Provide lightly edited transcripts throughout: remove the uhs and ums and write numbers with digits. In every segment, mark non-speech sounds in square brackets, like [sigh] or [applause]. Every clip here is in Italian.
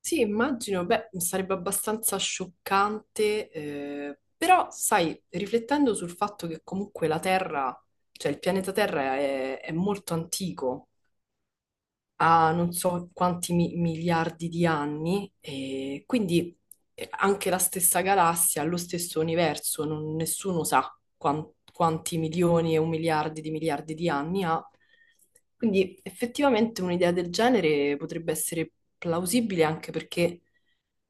Sì, immagino, beh, sarebbe abbastanza scioccante, però sai, riflettendo sul fatto che comunque la Terra, cioè il pianeta Terra è molto antico, a non so quanti miliardi di anni, e quindi anche la stessa galassia, lo stesso universo, nessuno sa quanti milioni e un miliardi di anni ha. Quindi effettivamente un'idea del genere potrebbe essere plausibile, anche perché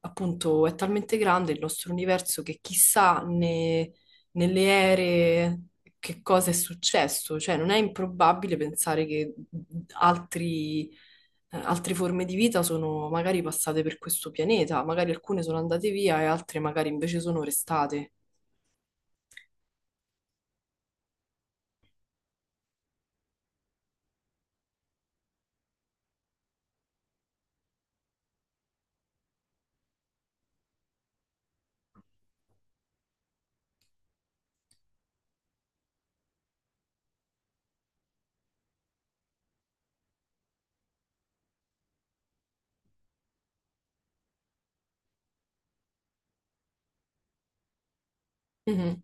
appunto è talmente grande il nostro universo che chissà nelle ere che cosa è successo, cioè non è improbabile pensare che altri altre forme di vita sono magari passate per questo pianeta, magari alcune sono andate via e altre magari invece sono restate. Mhm.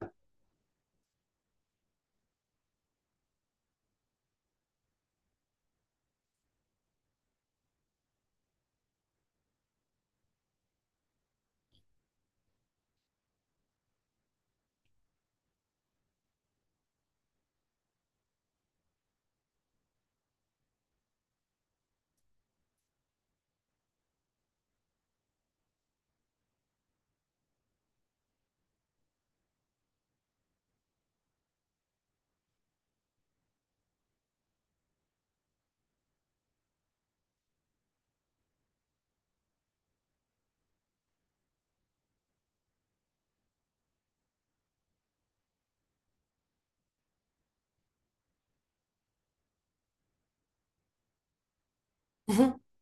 [laughs]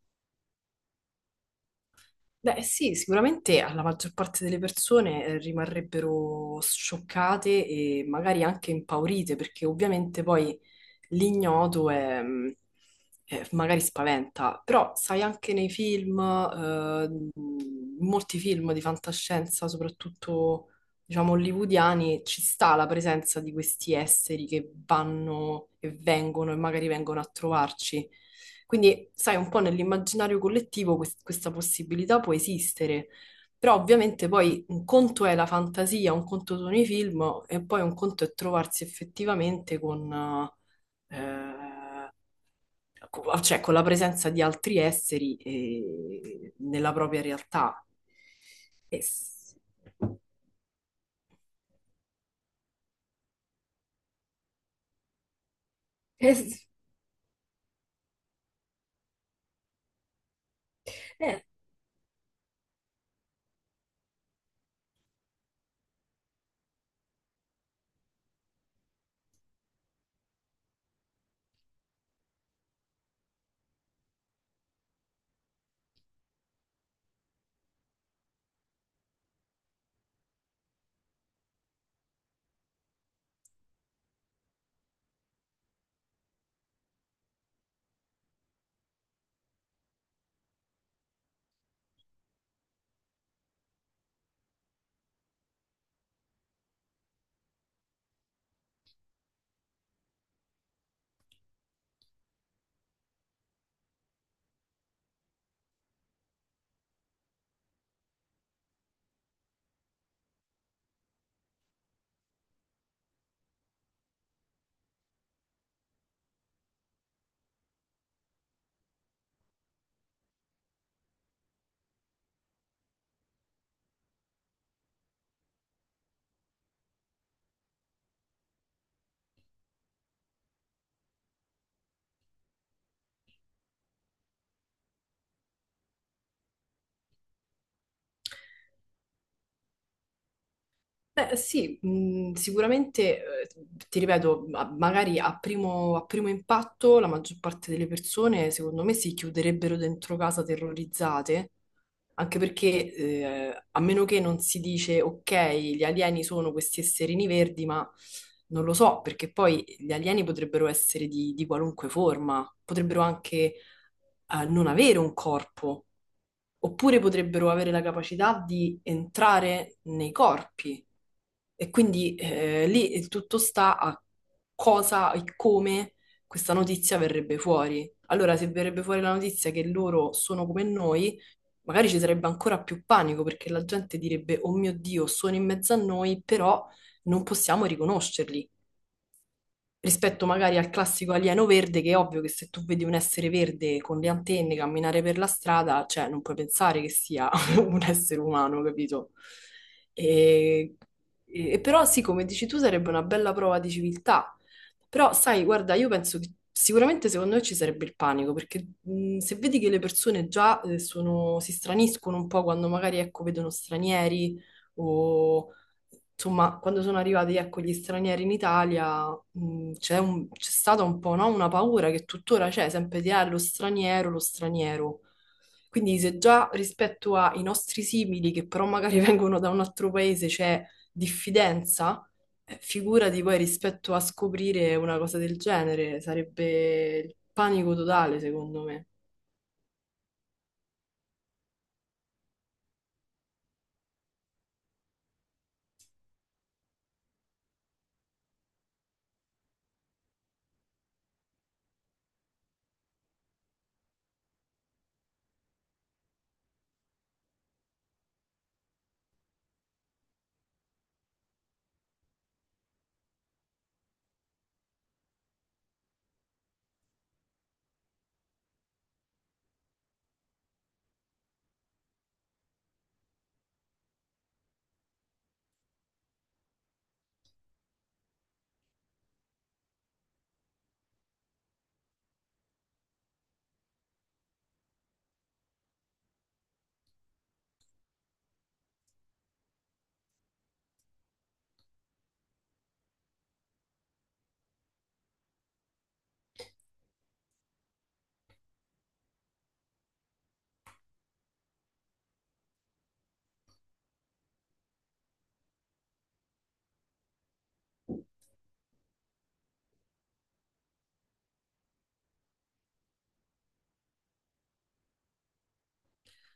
Beh, sì, sicuramente alla maggior parte delle persone rimarrebbero scioccate e magari anche impaurite, perché ovviamente poi l'ignoto è magari spaventa, però sai anche nei film, in molti film di fantascienza, soprattutto diciamo hollywoodiani, ci sta la presenza di questi esseri che vanno e vengono e magari vengono a trovarci. Quindi, sai, un po' nell'immaginario collettivo questa possibilità può esistere, però ovviamente poi un conto è la fantasia, un conto sono i film e poi un conto è trovarsi effettivamente con, eh, cioè, con la presenza di altri esseri nella propria realtà. E s- e s- Eh, Beh, sì, sicuramente, ti ripeto, magari a primo impatto la maggior parte delle persone, secondo me, si chiuderebbero dentro casa terrorizzate, anche perché, a meno che non si dice, ok, gli alieni sono questi esserini verdi, ma non lo so, perché poi gli alieni potrebbero essere di qualunque forma, potrebbero anche, non avere un corpo oppure potrebbero avere la capacità di entrare nei corpi. E quindi lì il tutto sta a cosa e come questa notizia verrebbe fuori. Allora, se verrebbe fuori la notizia che loro sono come noi, magari ci sarebbe ancora più panico perché la gente direbbe: Oh mio Dio, sono in mezzo a noi, però non possiamo riconoscerli rispetto magari al classico alieno verde, che è ovvio che se tu vedi un essere verde con le antenne camminare per la strada, cioè non puoi pensare che sia [laughs] un essere umano, capito? E, Però sì, come dici tu, sarebbe una bella prova di civiltà. Però sai, guarda, io penso che sicuramente secondo me ci sarebbe il panico, perché se vedi che le persone già si straniscono un po' quando magari, ecco, vedono stranieri o insomma, quando sono arrivati, ecco, gli stranieri in Italia, c'è stata un po', no? Una paura che tuttora c'è, sempre di ah, lo straniero, lo straniero. Quindi se già rispetto ai nostri simili, che però magari [laughs] vengono da un altro paese, c'è diffidenza, figurati poi rispetto a scoprire una cosa del genere, sarebbe il panico totale, secondo me.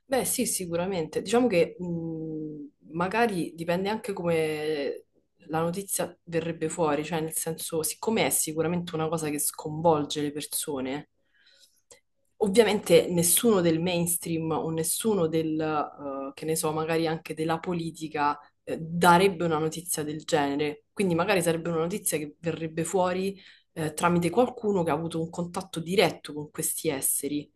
Beh, sì, sicuramente. Diciamo che magari dipende anche come la notizia verrebbe fuori, cioè nel senso, siccome è sicuramente una cosa che sconvolge le persone, ovviamente nessuno del mainstream o nessuno del, che ne so, magari anche della politica, darebbe una notizia del genere. Quindi magari sarebbe una notizia che verrebbe fuori, tramite qualcuno che ha avuto un contatto diretto con questi esseri.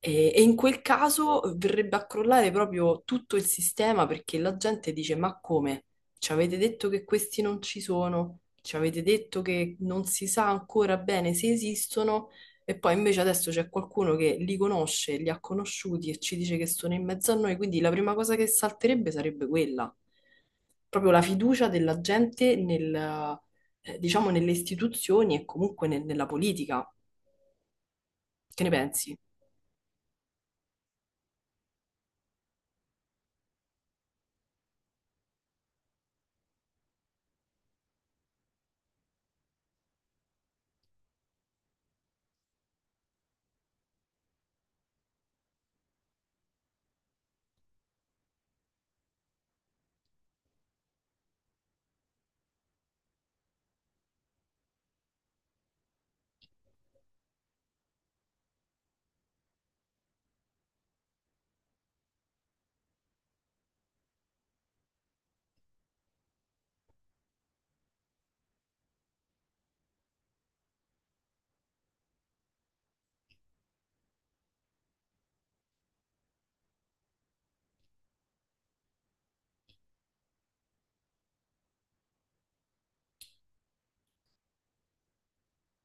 E in quel caso verrebbe a crollare proprio tutto il sistema perché la gente dice: Ma come? Ci avete detto che questi non ci sono? Ci avete detto che non si sa ancora bene se esistono? E poi invece adesso c'è qualcuno che li conosce, li ha conosciuti e ci dice che sono in mezzo a noi. Quindi la prima cosa che salterebbe sarebbe quella, proprio la fiducia della gente nel, diciamo, nelle istituzioni e comunque nella politica. Che ne pensi?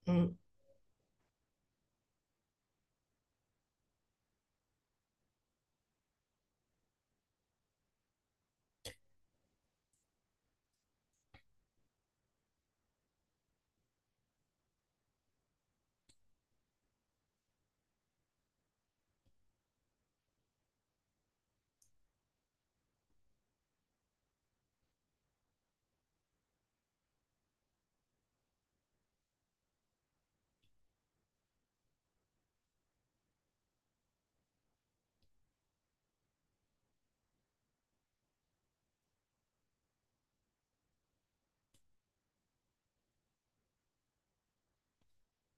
Mm.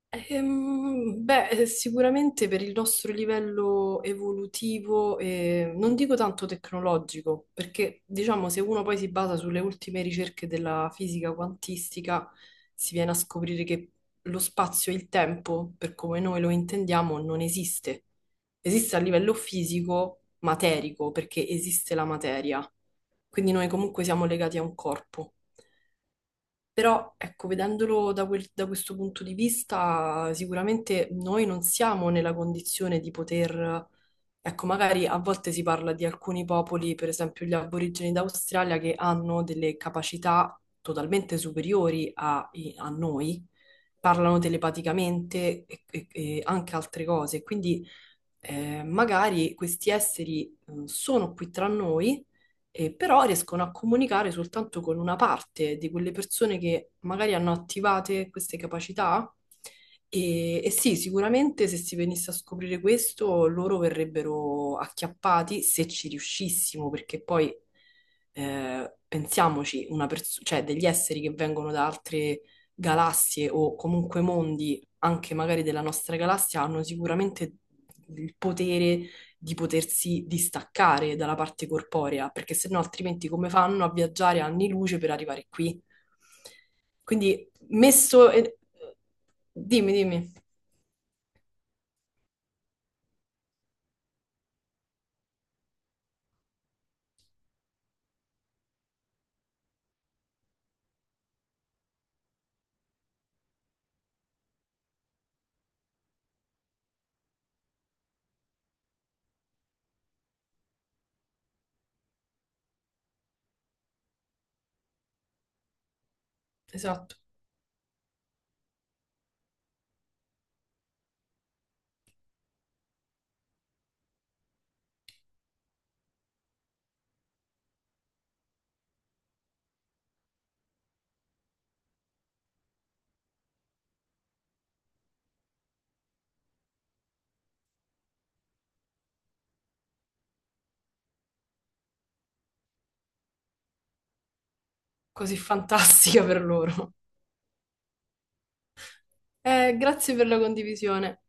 Beh, sicuramente per il nostro livello evolutivo, non dico tanto tecnologico, perché diciamo se uno poi si basa sulle ultime ricerche della fisica quantistica, si viene a scoprire che lo spazio e il tempo, per come noi lo intendiamo, non esiste. Esiste a livello fisico, materico, perché esiste la materia, quindi noi comunque siamo legati a un corpo. Però, ecco, vedendolo da, da questo punto di vista, sicuramente noi non siamo nella condizione di poter, ecco, magari a volte si parla di alcuni popoli, per esempio gli aborigeni d'Australia, che hanno delle capacità totalmente superiori a, a noi, parlano telepaticamente e anche altre cose. Quindi, magari questi esseri sono qui tra noi però riescono a comunicare soltanto con una parte di quelle persone che magari hanno attivate queste capacità. E sì, sicuramente se si venisse a scoprire questo, loro verrebbero acchiappati se ci riuscissimo, perché poi pensiamoci, una cioè degli esseri che vengono da altre galassie o comunque mondi, anche magari della nostra galassia, hanno sicuramente il potere di potersi distaccare dalla parte corporea, perché se no altrimenti come fanno a viaggiare anni luce per arrivare qui? Quindi messo... Dimmi, dimmi. Esatto, così fantastica per loro. Grazie per la condivisione.